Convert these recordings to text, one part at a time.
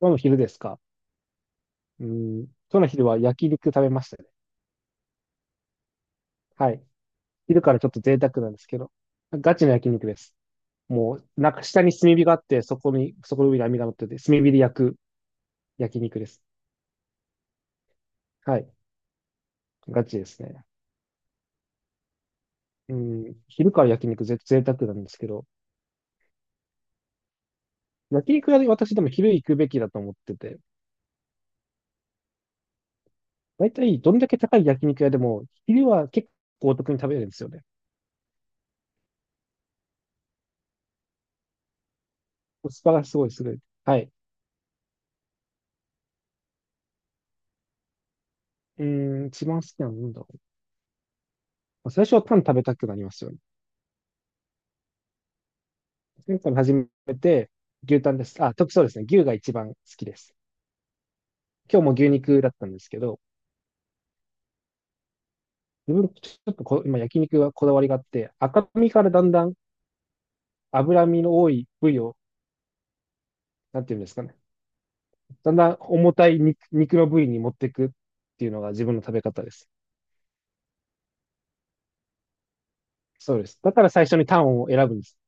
今日の昼ですか？うん。今日の昼は焼肉食べましたね。はい。昼からちょっと贅沢なんですけど。ガチの焼肉です。もう、なんか下に炭火があって、そこに、そこの上に網が乗ってて、炭火で焼く焼肉です。はい。ガチですね。うん。昼から焼肉ぜ、贅沢なんですけど、焼肉屋で私でも昼行くべきだと思ってて、大体どんだけ高い焼肉屋でも、昼は結構お得に食べれるんですよね。コスパがすごいすごい。はい。うーん、一番好きなのなんだろう。まあ最初はパン食べたくなりますよね。1年間始めて、牛タンです。あ、そうですね。牛が一番好きです。今日も牛肉だったんですけど、自分、ちょっとこ、今焼肉はこだわりがあって、赤身からだんだん脂身の多い部位を、なんていうんですかね。だんだん重たい肉の部位に持っていくっていうのが自分の食べ方です。そうです。だから最初にタンを選ぶんです。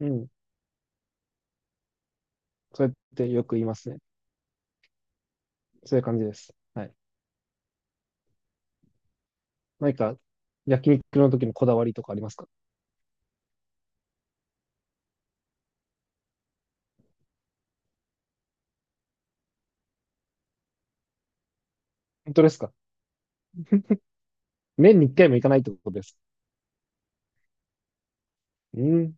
うん。そうやってよく言いますね。そういう感じです。はい。何か焼肉の時のこだわりとかありますか？本当ですか？年に1回も行かないってことです。うん。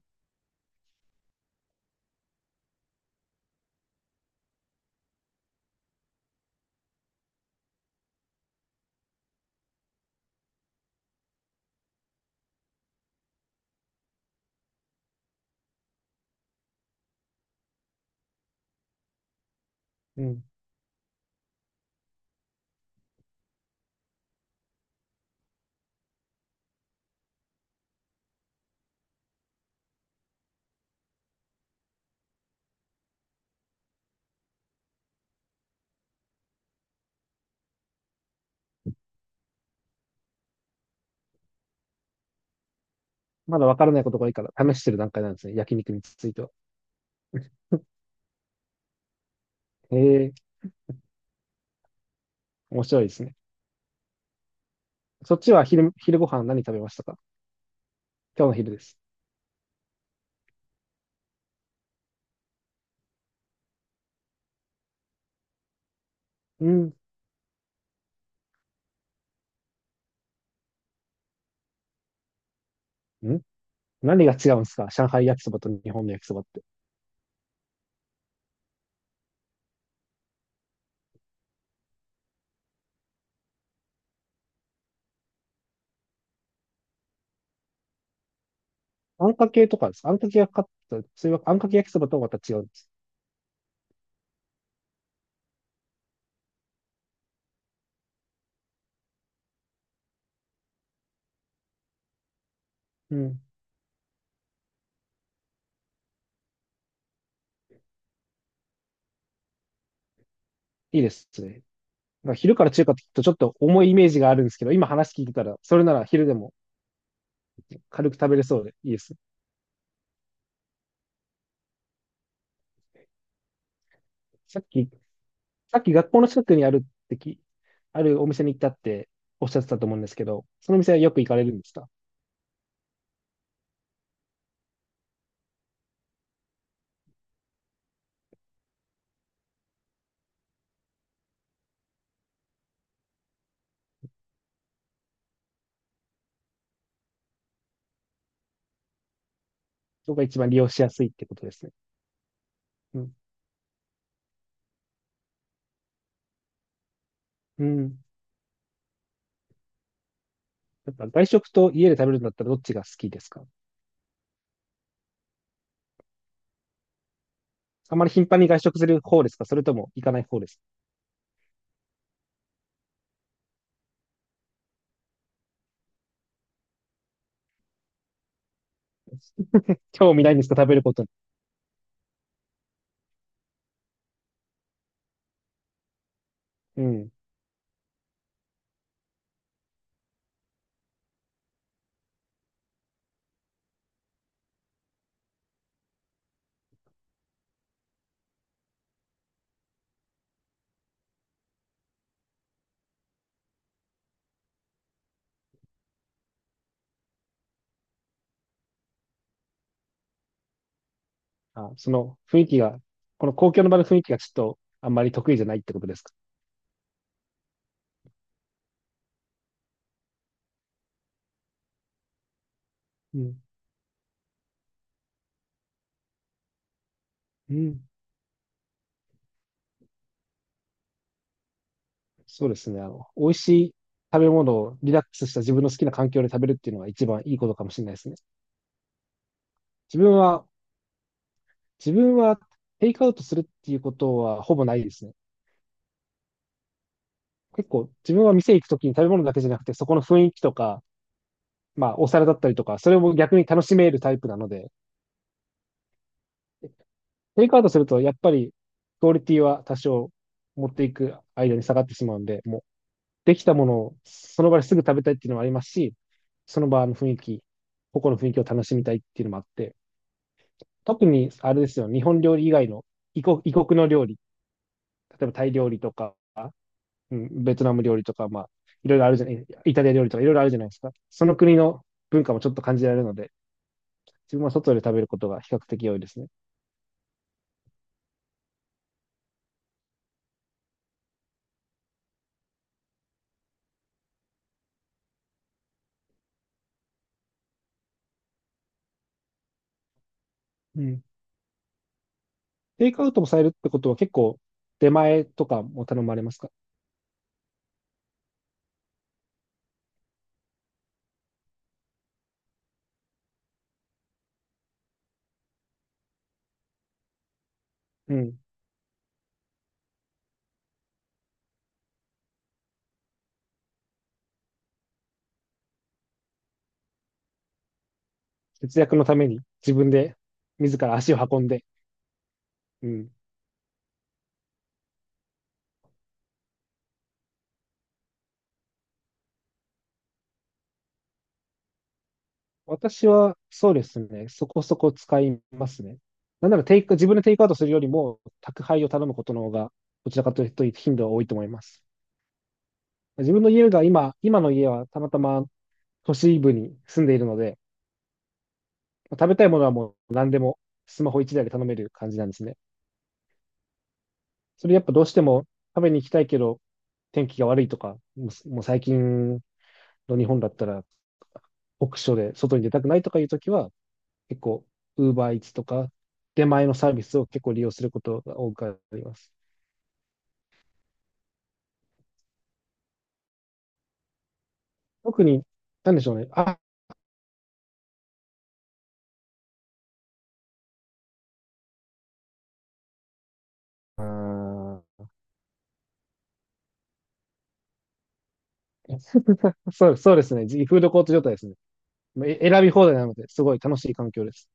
うん。まだわからないことが多いから試してる段階なんですね。焼肉については。へえ、面白いですね。そっちは昼ご飯何食べましたか？今日の昼です。うん。ん何が違うんですか、上海焼きそばと日本の焼きそばって？あんかけとかですか？あんかけがかかった、それはあんかけ焼きそばとはまた違うんです。うん。いいですね。まあ昼から中華って聞くとちょっと重いイメージがあるんですけど、今話聞いてたら、それなら昼でも軽く食べれそうでいいです。さっきさっき学校の近くにあるってき、あるお店に行ったっておっしゃってたと思うんですけど、そのお店はよく行かれるんですか？そこが一番利用しやすいってことですね。うん。うん。やっぱ外食と家で食べるんだったらどっちが好きですか？あまり頻繁に外食する方ですか？それとも行かない方ですか？興味ないんですか、食べることに？うん。あ、その雰囲気が、この公共の場の雰囲気がちょっとあんまり得意じゃないってことですか？うん。うん。そうですね。あの、美味しい食べ物をリラックスした自分の好きな環境で食べるっていうのが一番いいことかもしれないですね。自分は、自分はテイクアウトするっていうことはほぼないですね。結構自分は店行くときに食べ物だけじゃなくて、そこの雰囲気とか、まあお皿だったりとか、それを逆に楽しめるタイプなので、テイクアウトするとやっぱりクオリティは多少持っていく間に下がってしまうんで、もうできたものをその場ですぐ食べたいっていうのもありますし、その場の雰囲気、個々の雰囲気を楽しみたいっていうのもあって、特にあれですよ、日本料理以外の異国の料理、例えばタイ料理とか、うん、ベトナム料理とか、まあ、いろいろあるじゃない、イタリア料理とかいろいろあるじゃないですか。その国の文化もちょっと感じられるので、自分は外で食べることが比較的多いですね。うん。テイクアウトもされるってことは結構出前とかも頼まれますか？うん。節約のために自分で自ら足を運んで。うん。私は、そうですね。そこそこ使いますね。なんならテイク、自分でテイクアウトするよりも、宅配を頼むことの方が、どちらかというと頻度は多いと思います。自分の家が今の家はたまたま都市部に住んでいるので、食べたいものはもう何でもスマホ一台で頼める感じなんですね。それやっぱどうしても食べに行きたいけど、天気が悪いとか、もう最近の日本だったら、酷暑で外に出たくないとかいうときは、結構、ウーバーイーツとか、出前のサービスを結構利用することが多くあります。特に、なんでしょうね。あーそうですね。フードコート状態ですね。選び放題なので、すごい楽しい環境です。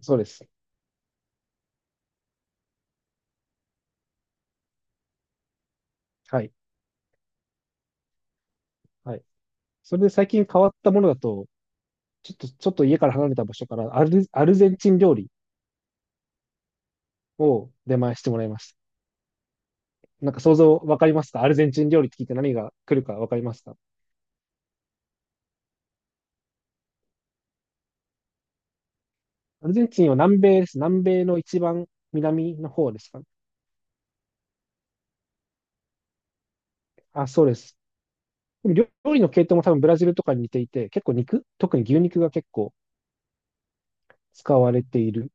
そうです。はい。はい。それで最近変わったものだと、ちょっと家から離れた場所からアルゼンチン料理を出前してもらいました。なんか想像わかりますか？アルゼンチン料理って聞いて何が来るかわかりますか？アルゼンチンは南米です。南米の一番南の方ですかね？あ、そうです。でも料理の系統も多分ブラジルとかに似ていて、結構肉、特に牛肉が結構使われている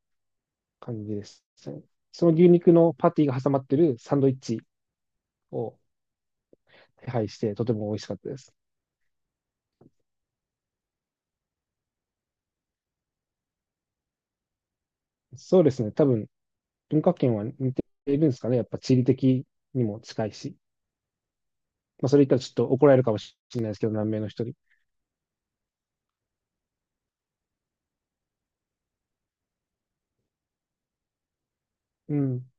感じですね。その牛肉のパティが挟まってるサンドイッチを手配して、とても美味しかったです。そうですね。多分文化圏は似ているんですかね。やっぱ地理的にも近いし。まあ、それ言ったらちょっと怒られるかもしれないですけど、南米の人に。うん。